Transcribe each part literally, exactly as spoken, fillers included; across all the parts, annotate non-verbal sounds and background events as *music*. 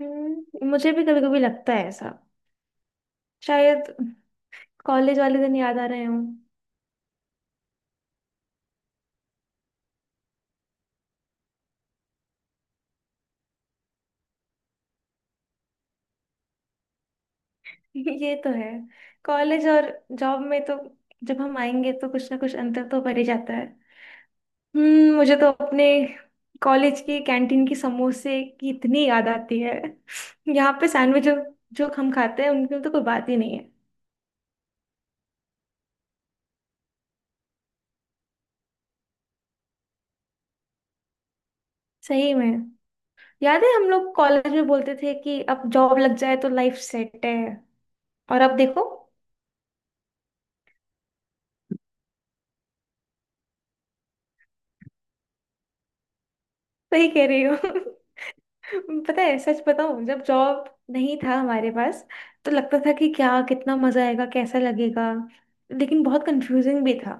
हम्म, मुझे भी कभी कभी लगता है ऐसा। शायद कॉलेज वाले दिन याद आ रहे हों। *laughs* ये तो है। कॉलेज और जॉब में तो जब हम आएंगे तो कुछ ना कुछ अंतर तो पड़ ही जाता है। हम्म, मुझे तो अपने कॉलेज की कैंटीन की समोसे की इतनी याद आती है। *laughs* यहाँ पे सैंडविच जो, जो हम खाते हैं उनकी तो कोई बात ही नहीं है। सही में, याद है हम लोग कॉलेज में बोलते थे कि अब जॉब लग जाए तो लाइफ सेट है। और अब देखो। सही कह रही हो। *laughs* पता है, सच बताऊं, जब जॉब नहीं था हमारे पास तो लगता था कि क्या कितना मजा आएगा, कैसा लगेगा। लेकिन बहुत कंफ्यूजिंग भी था।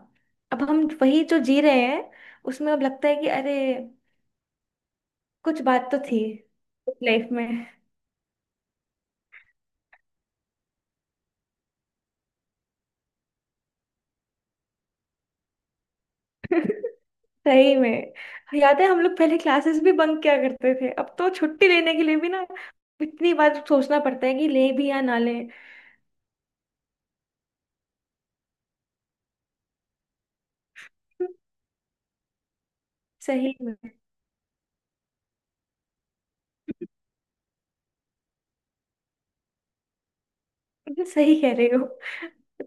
अब हम वही जो जी रहे हैं उसमें अब लगता है कि अरे कुछ बात तो थी लाइफ में। *laughs* सही में, याद है हम लोग पहले क्लासेस भी बंक किया करते थे। अब तो छुट्टी लेने के लिए भी ना इतनी बार सोचना पड़ता है कि ले भी या ना ले। *laughs* सही में। सही कह रहे हो।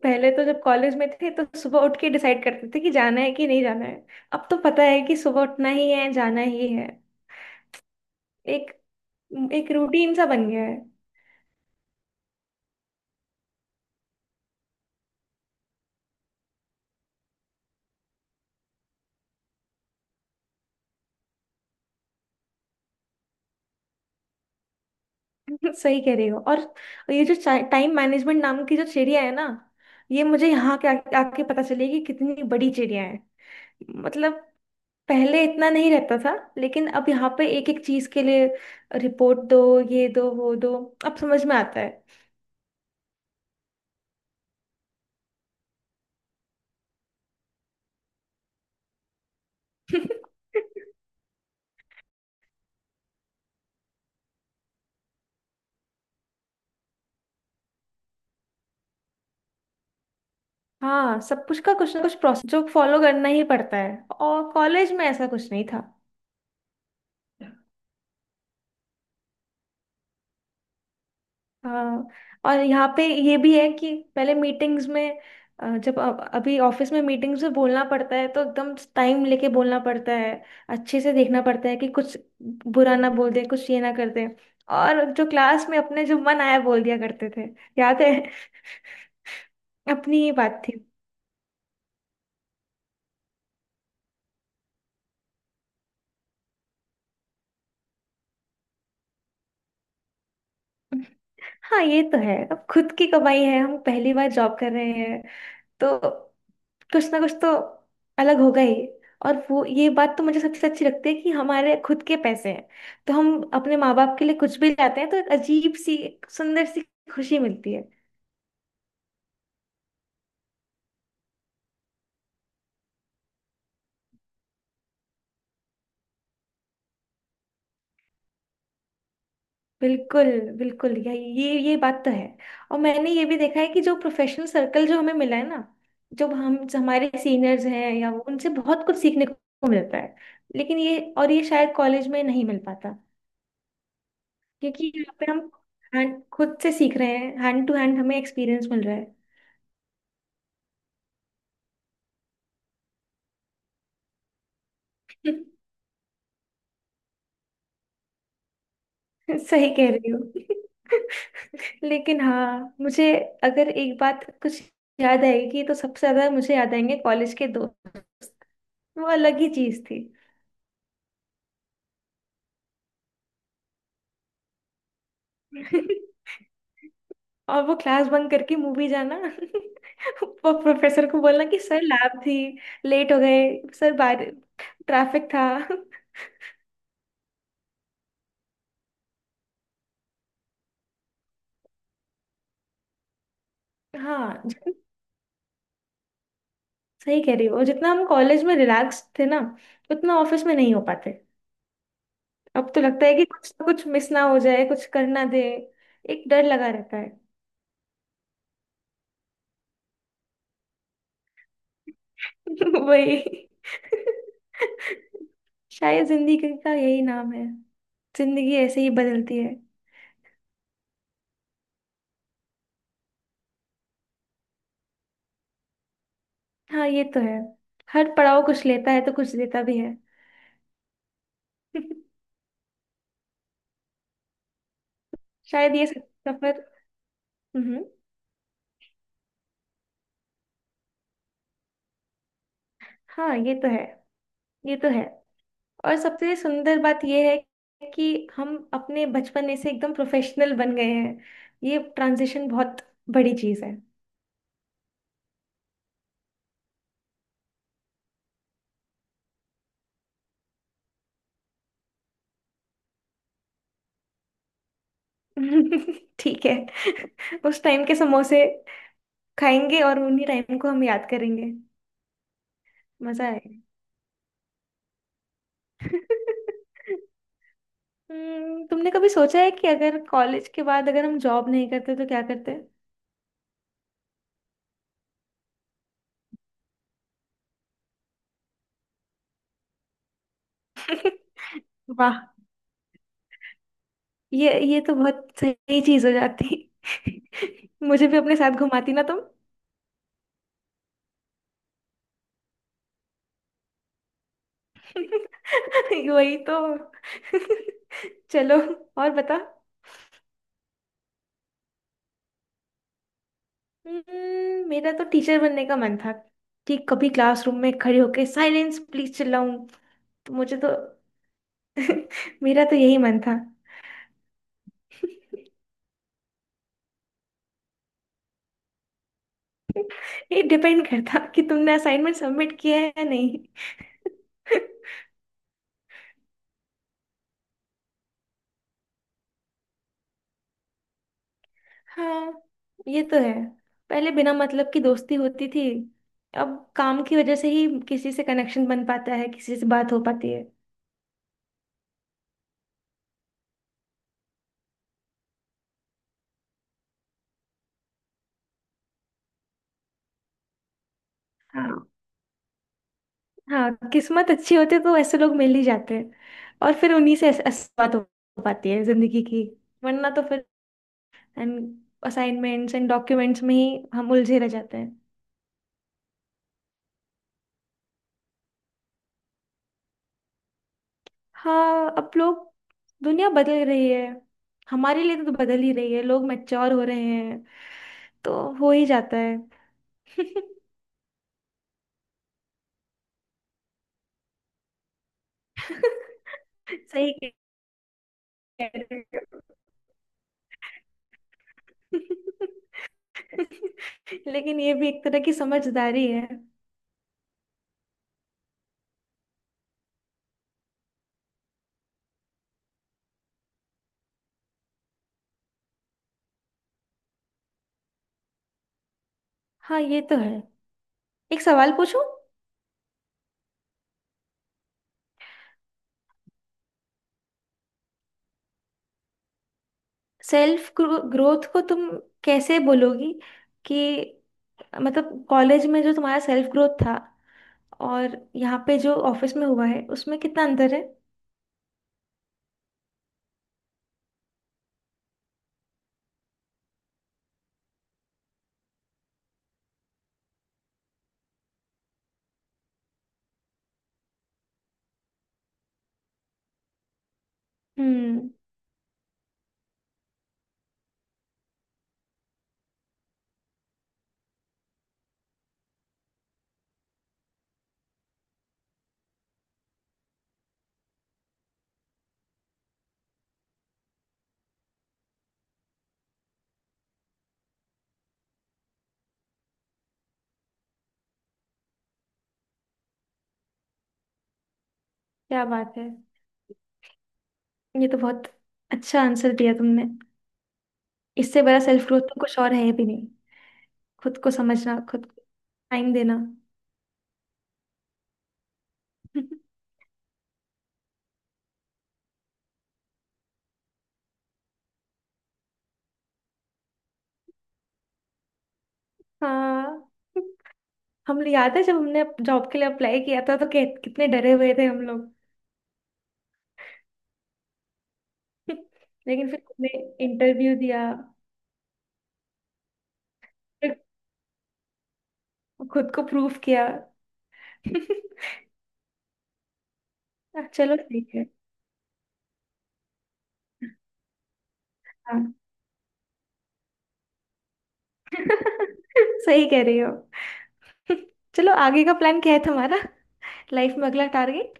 पहले तो जब कॉलेज में थे तो सुबह उठ के डिसाइड करते थे कि जाना है कि नहीं जाना है। अब तो पता है कि सुबह उठना ही है, जाना ही है। एक एक रूटीन सा बन गया है। *laughs* सही कह रही हो। और ये जो टाइम मैनेजमेंट नाम की जो चिड़िया है ना, ये मुझे यहाँ के आके आके पता चली कि कितनी बड़ी चिड़िया है। मतलब पहले इतना नहीं रहता था, लेकिन अब यहाँ पे एक एक चीज के लिए रिपोर्ट दो, ये दो, वो दो। अब समझ में आता है। *laughs* हाँ, सब कुछ का कुछ ना कुछ प्रोसेस जो फॉलो करना ही पड़ता है, और कॉलेज में ऐसा कुछ नहीं था। हाँ। और यहाँ पे ये भी है कि पहले मीटिंग्स में अ, जब अ- अभी ऑफिस में मीटिंग्स में बोलना पड़ता है तो एकदम टाइम लेके बोलना पड़ता है। अच्छे से देखना पड़ता है कि कुछ बुरा ना बोल दे, कुछ ये ना कर दे। और जो क्लास में अपने जो मन आया बोल दिया करते थे, याद है। *laughs* अपनी ही बात थी। हाँ ये तो है। अब खुद की कमाई है, हम पहली बार जॉब कर रहे हैं तो कुछ ना कुछ तो अलग होगा ही। और वो ये बात तो मुझे सबसे अच्छी लगती है कि हमारे खुद के पैसे हैं तो हम अपने माँ बाप के लिए कुछ भी लाते हैं तो एक अजीब सी, एक सुंदर सी खुशी मिलती है। बिल्कुल। बिल्कुल, ये ये ये बात तो है। और मैंने ये भी देखा है कि जो प्रोफेशनल सर्कल जो हमें मिला है ना, जो हम जो हमारे सीनियर्स हैं या वो, उनसे बहुत कुछ सीखने को मिलता है। लेकिन ये और ये शायद कॉलेज में नहीं मिल पाता। क्योंकि यहाँ पे हम हैंड खुद से सीख रहे हैं, हैंड टू हैंड हमें एक्सपीरियंस मिल रहा है। *laughs* सही कह रही हो। *laughs* लेकिन हाँ, मुझे अगर एक बात कुछ याद आएगी तो सबसे ज्यादा मुझे याद आएंगे कॉलेज के दोस्त। वो अलग ही चीज थी। *laughs* और वो क्लास बंक करके मूवी जाना। *laughs* वो प्रोफेसर को बोलना कि सर लैब थी, लेट हो गए, सर बाहर ट्रैफिक था। *laughs* हाँ, सही कह रही हो। और जितना हम कॉलेज में रिलैक्स थे ना, उतना ऑफिस में नहीं हो पाते। अब तो लगता है कि कुछ कुछ मिस ना हो जाए, कुछ करना दे, एक डर लगा रहता है। *laughs* वही। *laughs* शायद जिंदगी का यही नाम है, जिंदगी ऐसे ही बदलती है। हाँ ये तो है। हर पड़ाव कुछ लेता है तो कुछ देता भी है। *laughs* शायद ये सफर। हम्म। हाँ ये तो है। ये तो है। और सबसे सुंदर बात यह है कि हम अपने बचपने से एकदम प्रोफेशनल बन गए हैं। ये ट्रांजिशन बहुत बड़ी चीज है। *laughs* ठीक है। उस टाइम के समोसे खाएंगे और उन्हीं टाइम को हम याद करेंगे। मजा आएगा। *laughs* हम्म, तुमने कभी सोचा है कि अगर कॉलेज के बाद अगर हम जॉब नहीं करते तो क्या करते? *laughs* वाह! ये ये तो बहुत सही चीज हो जाती। *laughs* मुझे भी अपने साथ घुमाती ना तुम। *laughs* वही तो। *laughs* चलो, और बता। हम्म, मेरा तो टीचर बनने का मन था कि कभी क्लासरूम में खड़े होके साइलेंस प्लीज चिल्लाऊं। तो मुझे तो, *laughs* मेरा तो यही मन था। *laughs* ये डिपेंड करता कि तुमने असाइनमेंट सबमिट किया है या नहीं। *laughs* हाँ ये तो है। पहले बिना मतलब की दोस्ती होती थी, अब काम की वजह से ही किसी से कनेक्शन बन पाता है, किसी से बात हो पाती है। हाँ। हाँ, किस्मत अच्छी होती है तो ऐसे लोग मिल ही जाते हैं। और फिर उन्हीं से ऐस- ऐसी बात हो पाती है जिंदगी की। वरना तो फिर एंड असाइनमेंट्स एंड डॉक्यूमेंट्स में ही हम उलझे रह जाते हैं। हाँ, अब लोग, दुनिया बदल रही है, हमारे लिए तो बदल ही रही है, लोग मैच्योर हो रहे हैं तो हो ही जाता है। *laughs* सही कह रहे हो। *laughs* लेकिन ये भी एक तरह की समझदारी है। हाँ ये तो है। एक सवाल पूछूं? सेल्फ ग्रोथ को तुम कैसे बोलोगी कि, मतलब कॉलेज में जो तुम्हारा सेल्फ ग्रोथ था और यहाँ पे जो ऑफिस में हुआ है, उसमें कितना अंतर है? हम्म। क्या बात है। ये तो बहुत अच्छा आंसर दिया तुमने। इससे बड़ा सेल्फ ग्रोथ तो कुछ और है भी नहीं। खुद को समझना, खुद को टाइम देना। *laughs* हाँ। हम, याद है जब हमने जॉब के लिए अप्लाई किया था तो कि, कितने डरे हुए थे हम लोग। *laughs* लेकिन फिर हमने इंटरव्यू दिया, फिर खुद को प्रूफ किया। *laughs* चलो ठीक है। हाँ। *laughs* सही कह रही हो। *laughs* चलो, आगे का प्लान क्या है तुम्हारा, लाइफ में अगला टारगेट?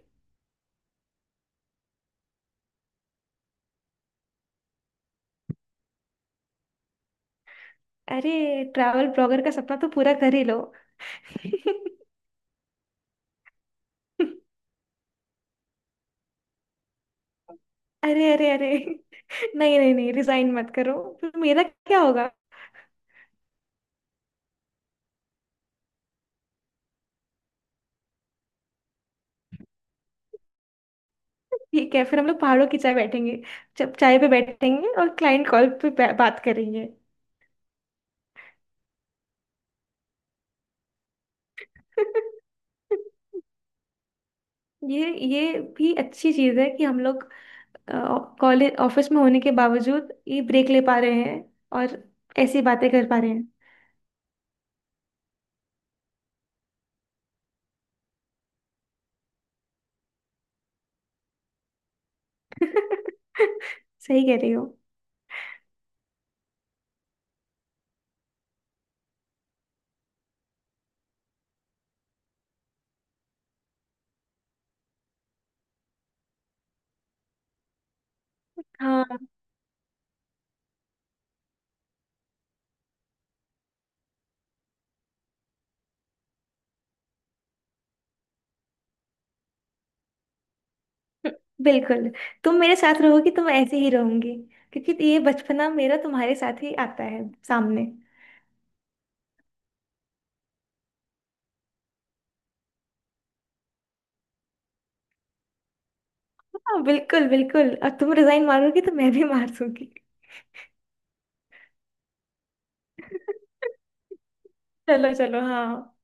अरे, ट्रैवल ब्लॉगर का सपना तो पूरा कर ही लो। *laughs* अरे अरे अरे, नहीं नहीं नहीं रिजाइन मत करो, फिर मेरा क्या होगा। ठीक है, फिर हम लोग पहाड़ों की चाय बैठेंगे, जब चाय पे बैठेंगे और क्लाइंट कॉल पे बा- बात करेंगे। *laughs* ये ये भी अच्छी चीज है कि हम लोग कॉलेज ऑफिस में होने के बावजूद ये ब्रेक ले पा रहे हैं और ऐसी बातें कर पा रहे हैं। *laughs* सही कह रही हो। हाँ, बिल्कुल। तुम मेरे साथ रहोगी तो मैं ऐसे ही रहूंगी, क्योंकि ये बचपना मेरा तुम्हारे साथ ही आता है सामने। हाँ, बिल्कुल बिल्कुल। और तुम रिजाइन मारोगी तो मैं भी मार दूंगी। *laughs* चलो चलो, हाँ।